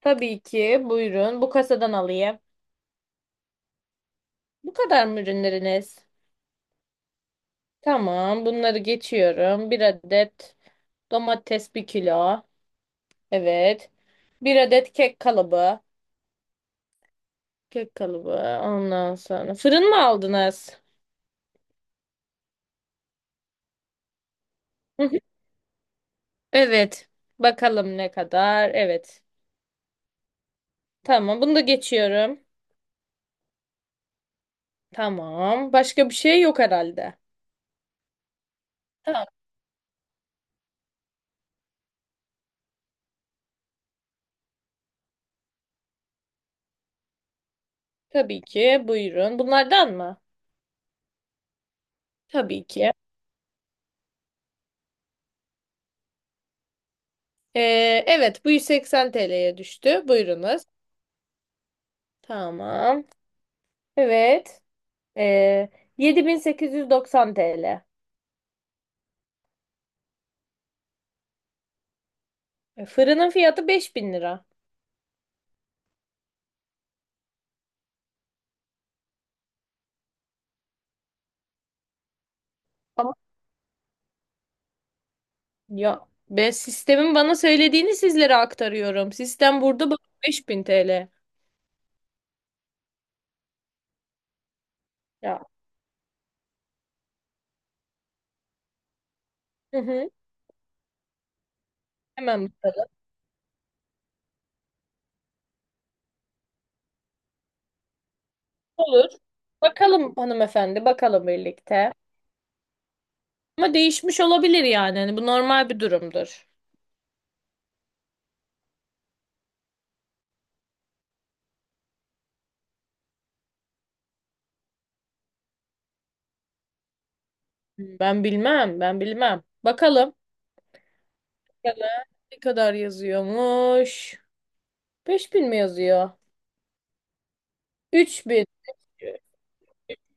Tabii ki. Buyurun. Bu kasadan alayım. Bu kadar mı ürünleriniz? Tamam. Bunları geçiyorum. Bir adet domates bir kilo. Evet. Bir adet kek kalıbı. Kek kalıbı. Ondan sonra. Fırın mı aldınız? Hı hı. Evet. Bakalım ne kadar. Evet. Tamam. Bunu da geçiyorum. Tamam. Başka bir şey yok herhalde. Tamam. Tabii ki. Buyurun. Bunlardan mı? Tabii ki. Ee, evet. Bu 180 TL'ye düştü. Buyurunuz. Tamam. Evet. Ee, 7890 TL. Fırının fiyatı 5000 lira. Ama ya ben sistemin bana söylediğini sizlere aktarıyorum. Sistem burada bak 5000 TL. Ya. Hı hı. Hemen bakalım. Olur. Bakalım hanımefendi, bakalım birlikte. Ama değişmiş olabilir yani. Hani bu normal bir durumdur. Ben bilmem, ben bilmem. Bakalım. Bakalım ne kadar yazıyormuş? 5000 mi yazıyor? 3000.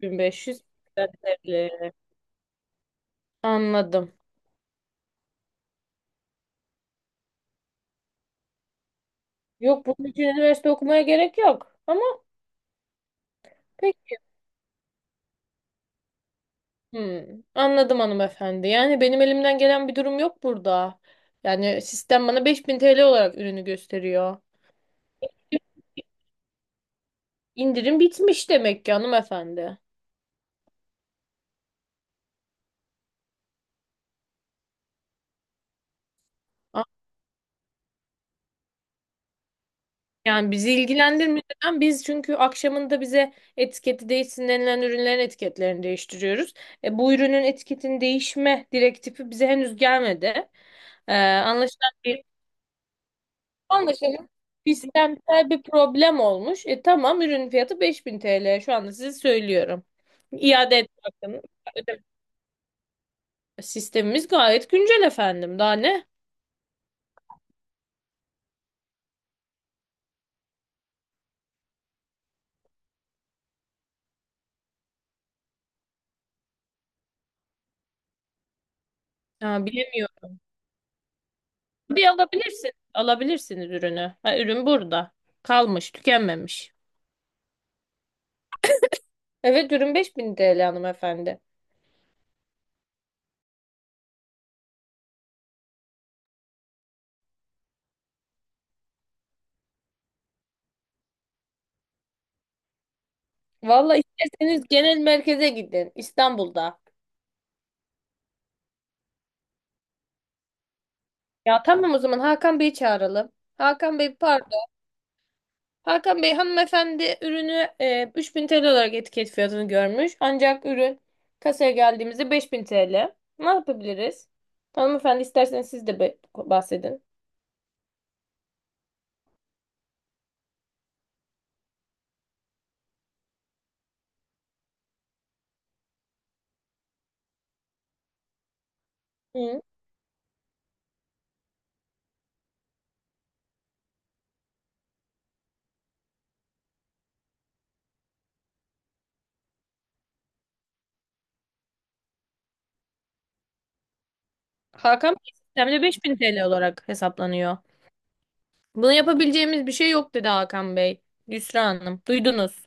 1500 ödevli. Anladım. Yok bunun için üniversite okumaya gerek yok. Ama pek. Hmm, anladım hanımefendi. Yani benim elimden gelen bir durum yok burada. Yani sistem bana 5000 TL olarak ürünü gösteriyor. İndirim bitmiş demek ki hanımefendi. A- Yani bizi ilgilendirmiyor. Neden? Biz çünkü akşamında bize etiketi değişsin denilen ürünlerin etiketlerini değiştiriyoruz. Bu ürünün etiketin değişme direktifi bize henüz gelmedi. E, anlaşılan Anlaşalım. Sistemsel bir problem olmuş. Tamam ürün fiyatı 5000 TL. Şu anda size söylüyorum. İade et bakın. Ödeme Sistemimiz gayet güncel efendim. Daha ne? Ha, bilemiyorum. Bir alabilirsin. Alabilirsiniz ürünü. Ha, ürün burada. Kalmış, tükenmemiş. Evet ürün 5000 TL hanımefendi. Valla isterseniz genel merkeze gidin. İstanbul'da. Ya tamam o zaman Hakan Bey'i çağıralım. Hakan Bey pardon. Hakan Bey hanımefendi ürünü 3000 TL olarak etiket fiyatını görmüş. Ancak ürün kasaya geldiğimizde 5000 TL. Ne yapabiliriz? Hanımefendi isterseniz siz de bahsedin. Hı. Hakan Bey sistemde 5000 TL olarak hesaplanıyor. Buna yapabileceğimiz bir şey yok dedi Hakan Bey. Yusra Hanım. Duydunuz.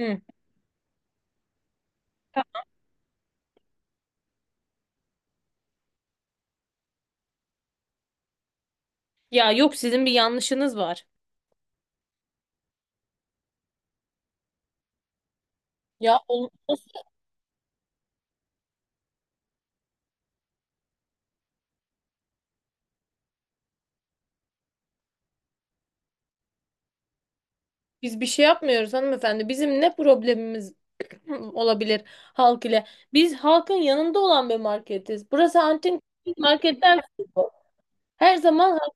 Hı. Ya yok sizin bir yanlışınız var. Ya olmaz. Biz bir şey yapmıyoruz hanımefendi. Bizim ne problemimiz olabilir halk ile? Biz halkın yanında olan bir marketiz. Burası antin marketler grubu. Her zaman halk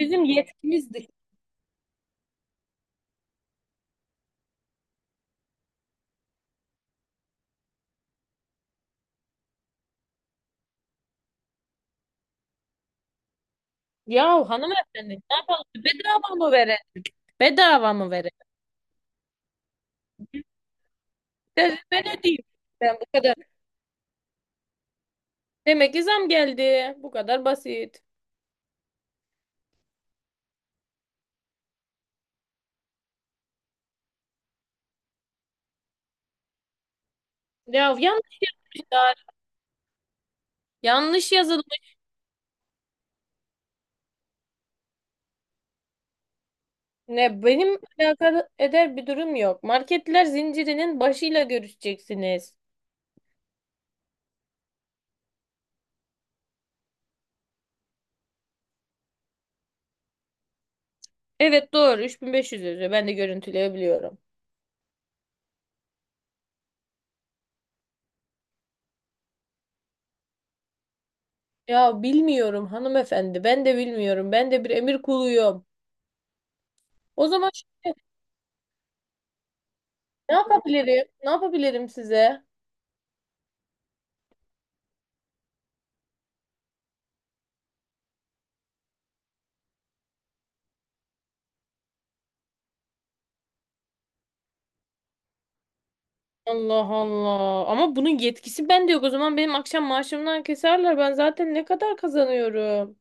bizim yetkimizdir. Ya hanımefendi ne yapalım? Bedava mı verelim? Bedava mı verelim? Ben ödeyeyim. Ben bu kadar. Demek ki zam geldi. Bu kadar basit. Ya yanlış bir şey. Yanlış yazılmış. Ne benim alakalı eder bir durum yok. Marketler zincirinin başıyla görüşeceksiniz. Evet doğru 3500 yazıyor. Ben de görüntüleyebiliyorum. Ya bilmiyorum hanımefendi. Ben de bilmiyorum. Ben de bir emir kuluyum. O zaman ne yapabilirim? Ne yapabilirim size? Allah Allah. Ama bunun yetkisi bende yok. O zaman benim akşam maaşımdan keserler. Ben zaten ne kadar kazanıyorum?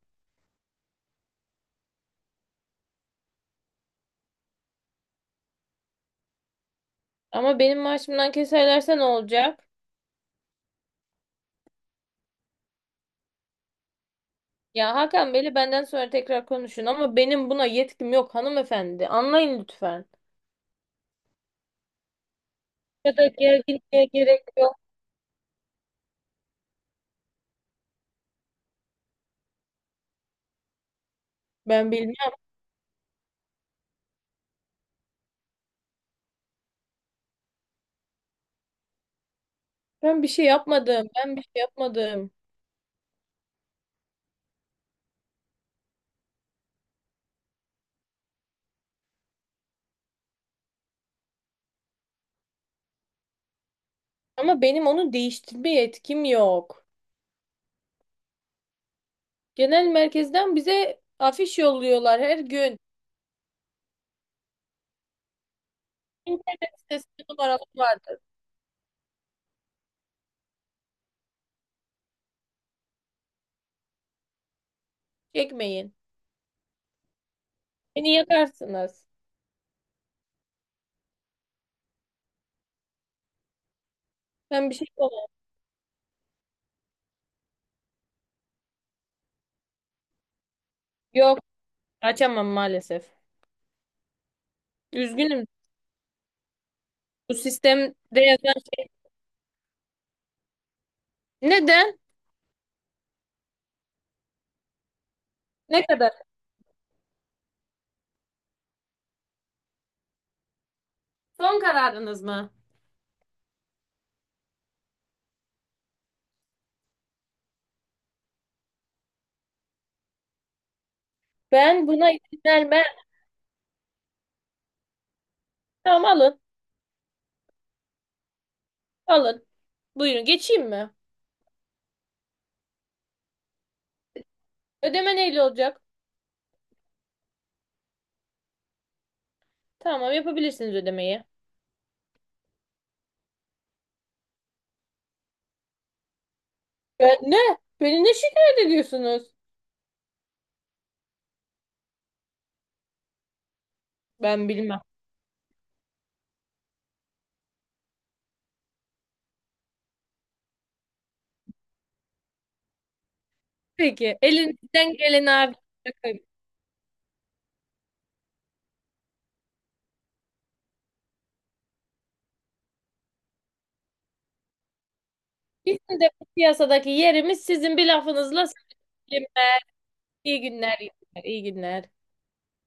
Ama benim maaşımdan keserlerse ne olacak? Ya Hakan Bey'le benden sonra tekrar konuşun ama benim buna yetkim yok hanımefendi. Anlayın lütfen. Bu kadar gerginliğe gerek yok. Ben bilmem. Ben bir şey yapmadım. Ben bir şey yapmadım. Ama benim onu değiştirme yetkim yok. Genel merkezden bize afiş yolluyorlar her gün. İnternet sitesinde numaralar vardır. Çekmeyin. Beni yakarsınız. Ben bir şey yapamam. Yok, açamam maalesef. Üzgünüm. Bu sistemde yazan... Neden? Ne kadar? Son kararınız mı? Ben buna izin vermem. Tamam alın. Alın. Buyurun geçeyim mi? Ödeme neyle olacak? Tamam yapabilirsiniz ödemeyi. Ben ne? Beni ne şikayet ediyorsunuz? Ben bilmem. Peki elinizden gelen abi. Bakın, bizim de bu piyasadaki yerimiz sizin bir lafınızla söylemez. İyi günler, iyi günler, iyi günler.